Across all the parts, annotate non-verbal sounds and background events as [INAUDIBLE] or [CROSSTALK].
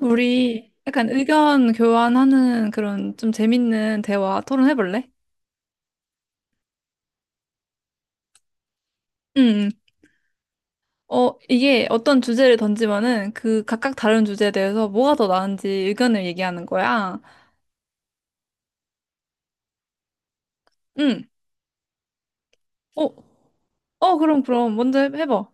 우리 약간 의견 교환하는 그런 좀 재밌는 대화 토론해볼래? 응. 이게 어떤 주제를 던지면은 그 각각 다른 주제에 대해서 뭐가 더 나은지 의견을 얘기하는 거야. 응. 어, 그럼, 그럼. 먼저 해봐.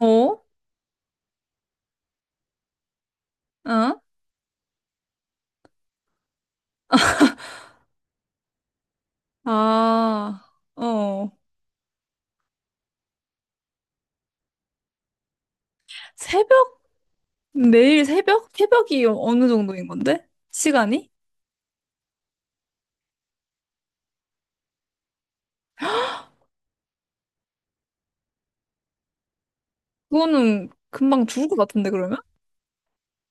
어? 어? 아, 어. 새벽? 매일 새벽? 새벽이 어느 정도인 건데? 시간이? 그거는 금방 죽을 것 같은데, 그러면?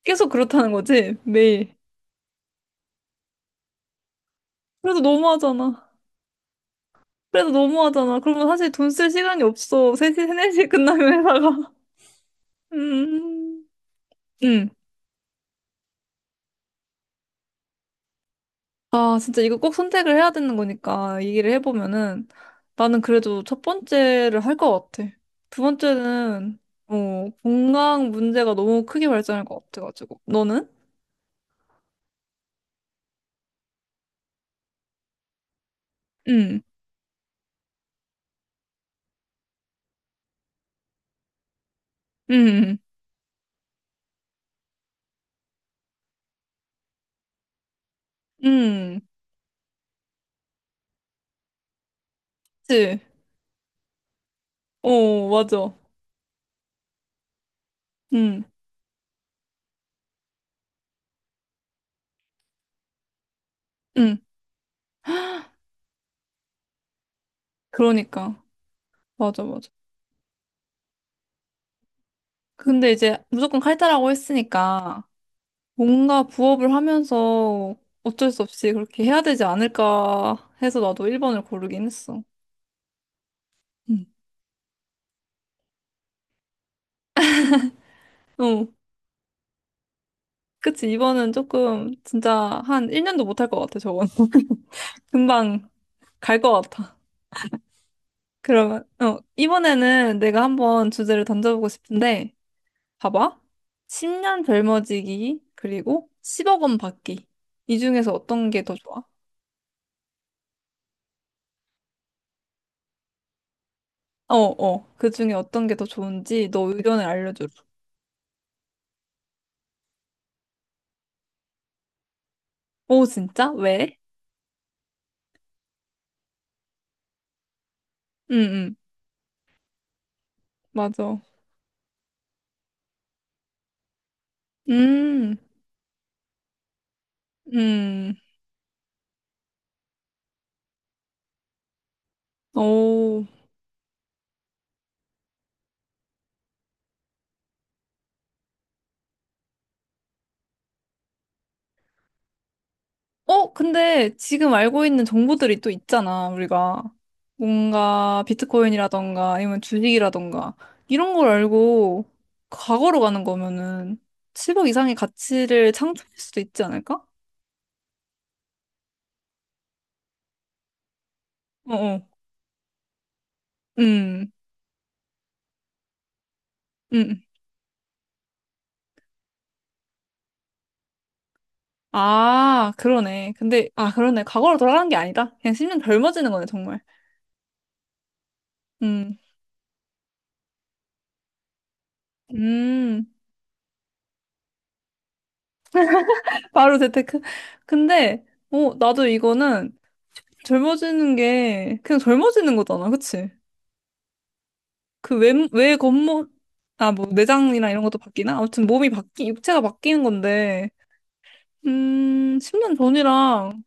계속 그렇다는 거지? 매일. 그래도 너무하잖아. 그래도 너무하잖아. 그러면 사실 돈 쓸 시간이 없어. 3시, 4시에 끝나면 회사가. [LAUGHS] 음. 음. 아, 진짜 이거 꼭 선택을 해야 되는 거니까 얘기를 해보면은 나는 그래도 첫 번째를 할 것 같아. 두 번째는 건강 문제가 너무 크게 발전할 것 같아가지고. 너는? 응. 응. 응. 그치? 어, 맞아. 응. 응. 그러니까. 맞아, 맞아. 근데 이제 무조건 칼퇴라고 했으니까 뭔가 부업을 하면서 어쩔 수 없이 그렇게 해야 되지 않을까 해서 나도 1번을 고르긴 했어. 응. 어, 그치. 이번은 조금 진짜 한 1년도 못할 것 같아, 저건. [LAUGHS] 금방 갈 것 같아. 그러면, 이번에는 내가 한번 주제를 던져보고 싶은데, 봐봐. 10년 젊어지기, 그리고 10억 원 받기. 이 중에서 어떤 게 더 좋아? 그 중에 어떤 게 더 좋은지 너 의견을 알려줘. 오, 진짜? 왜? 응, 응. 맞아. 음, 음, 오. 근데 지금 알고 있는 정보들이 또 있잖아, 우리가. 뭔가 비트코인이라던가 아니면 주식이라던가 이런 걸 알고 과거로 가는 거면은 1억 이상의 가치를 창출할 수도 있지 않을까? 어어. 음, 음. 아, 그러네. 근데, 아, 그러네. 과거로 돌아가는 게 아니다. 그냥 10년 젊어지는 거네, 정말. 음, 음. [LAUGHS] 바로 재테크. 근데, 나도 이거는 젊어지는 게 그냥 젊어지는 거잖아, 그치? 그 외, 외 겉모, 아, 뭐 내장이나 이런 것도 바뀌나? 아무튼 육체가 바뀌는 건데, 10년 전이랑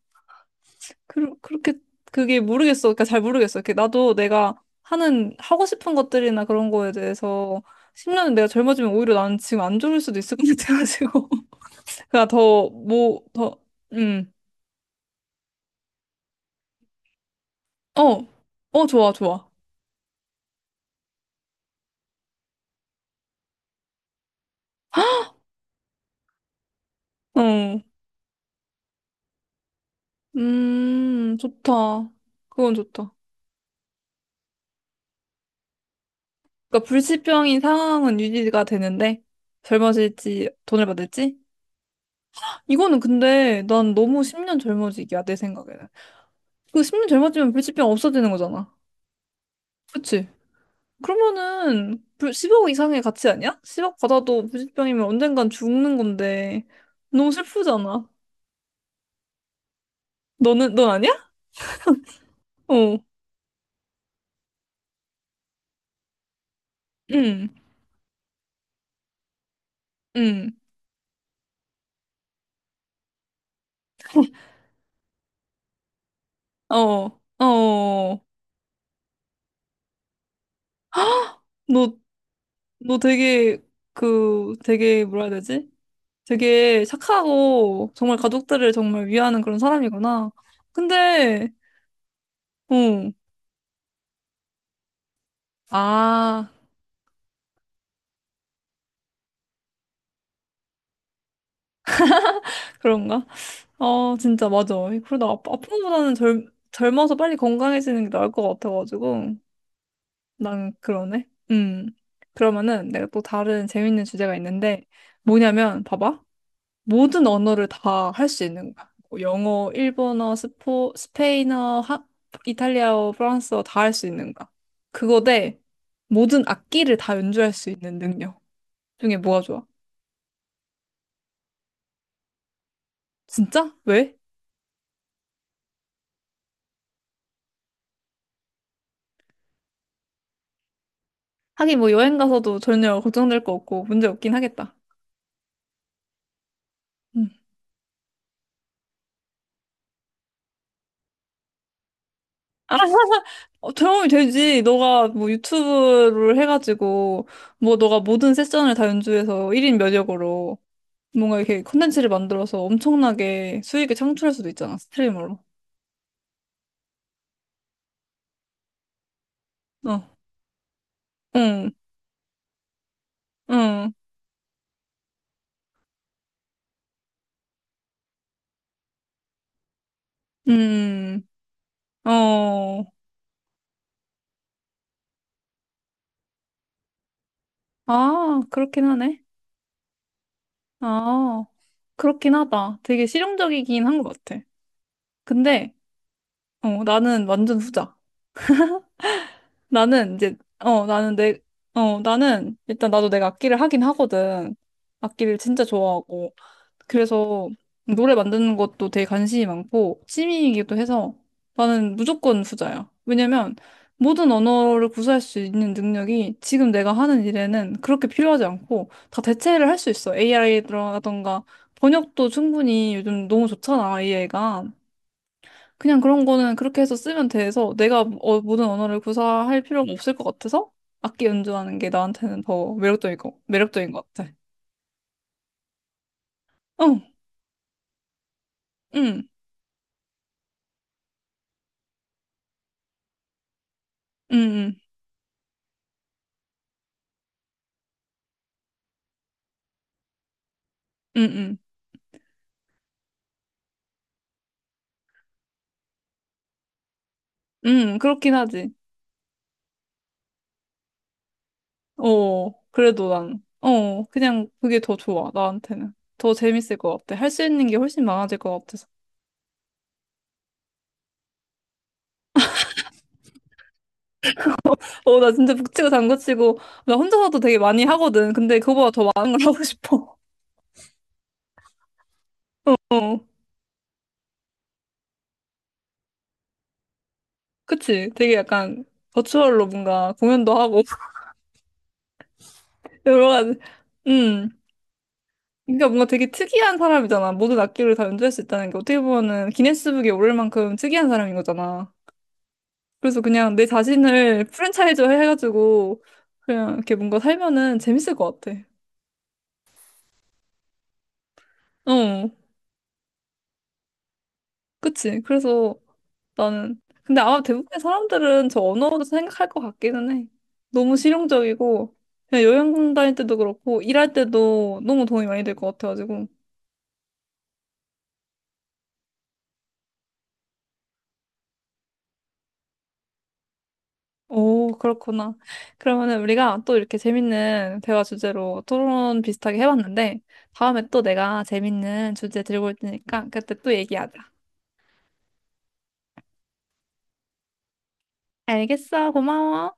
그, 그렇게 그게 모르겠어. 그러니까 잘 모르겠어. 이렇게 나도 내가 하는 하고 싶은 것들이나 그런 거에 대해서 10년 내가 젊어지면 오히려 나는 지금 안 좋을 수도 있을 것 같아가지고. [LAUGHS] 그냥 더, 뭐, 더, 음, 어, 좋아, 좋아. 어, 좋다. 그건 좋다. 그러니까 불치병인 상황은 유지가 되는데 젊어질지 돈을 받을지? 이거는 근데 난 너무 10년 젊어지기야 내 생각에는. 그 10년 젊어지면 불치병 없어지는 거잖아. 그치? 그러면은 불 10억 이상의 가치 아니야? 10억 받아도 불치병이면 언젠간 죽는 건데 너무 슬프잖아. 너는 넌 아니야? 어. 응. 응. 어. 어. 너 너 되게 뭐라 해야 되지? 되게 착하고 정말 가족들을 정말 위하는 그런 사람이구나. 근데, 어, 아, 그런가? 아 진짜 맞아. 그래도 아픈 것보다는 젊어서 빨리 건강해지는 게 나을 것 같아가지고. 난 그러네. 음. 그러면은 내가 또 다른 재밌는 주제가 있는데 뭐냐면, 봐봐. 모든 언어를 다 할 수 있는 거야. 뭐 영어, 일본어, 스페인어, 이탈리아어, 프랑스어 다 할 수 있는 거야. 그거 대 모든 악기를 다 연주할 수 있는 능력 중에 뭐가 좋아? 진짜? 왜? 하긴 뭐 여행 가서도 전혀 걱정될 거 없고 문제 없긴 하겠다. 음. 아, [LAUGHS] 도움이 되지. 너가 뭐 유튜브를 해가지고 뭐 너가 모든 세션을 다 연주해서 1인 면역으로 뭔가 이렇게 콘텐츠를 만들어서 엄청나게 수익을 창출할 수도 있잖아, 스트리머로. 어, 응, 응, 음, 어, 아, 그렇긴 하네. 아, 그렇긴 하다. 되게 실용적이긴 한 것 같아. 근데, 나는 완전 후자. 나는 이제, 어, 나는 내, 나는 일단 나도 내가 악기를 하긴 하거든. 악기를 진짜 좋아하고. 그래서 노래 만드는 것도 되게 관심이 많고 취미이기도 해서 나는 무조건 후자야. 왜냐면 모든 언어를 구사할 수 있는 능력이 지금 내가 하는 일에는 그렇게 필요하지 않고 다 대체를 할 수 있어. AI라던가 번역도 충분히 요즘 너무 좋잖아, AI가. 그냥 그런 거는 그렇게 해서 쓰면 돼서 내가 모든 언어를 구사할 필요가 없을 것 같아서 악기 연주하는 게 나한테는 더 매력적인 것 같아. 어, 응, 응, 응, 응, 응. 그렇긴 하지. 그래도 난, 그냥 그게 더 좋아, 나한테는. 더 재밌을 것 같아. 할 수 있는 게 훨씬 많아질 것 같아서. 나 진짜 북치고 장구치고, 나 혼자서도 되게 많이 하거든. 근데 그거보다 더 많은 걸 [LAUGHS] 하고 싶어. 어, 그치? 되게 약간 버추얼로 뭔가 공연도 하고, [LAUGHS] 여러 가지. 음. 그러니까 뭔가 되게 특이한 사람이잖아. 모든 악기를 다 연주할 수 있다는 게 어떻게 보면은 기네스북에 오를 만큼 특이한 사람인 거잖아. 그래서 그냥 내 자신을 프랜차이즈 해가지고 그냥 이렇게 뭔가 살면은 재밌을 것 같아. 어, 그치. 그래서 나는 근데 아마 대부분의 사람들은 저 언어로 생각할 것 같기는 해. 너무 실용적이고 그냥 여행 다닐 때도 그렇고 일할 때도 너무 도움이 많이 될 것 같아가지고. 오, 그렇구나. 그러면은 우리가 또 이렇게 재밌는 대화 주제로 토론 비슷하게 해봤는데 다음에 또 내가 재밌는 주제 들고 올 테니까 그때 또 얘기하자. 알겠어. 고마워.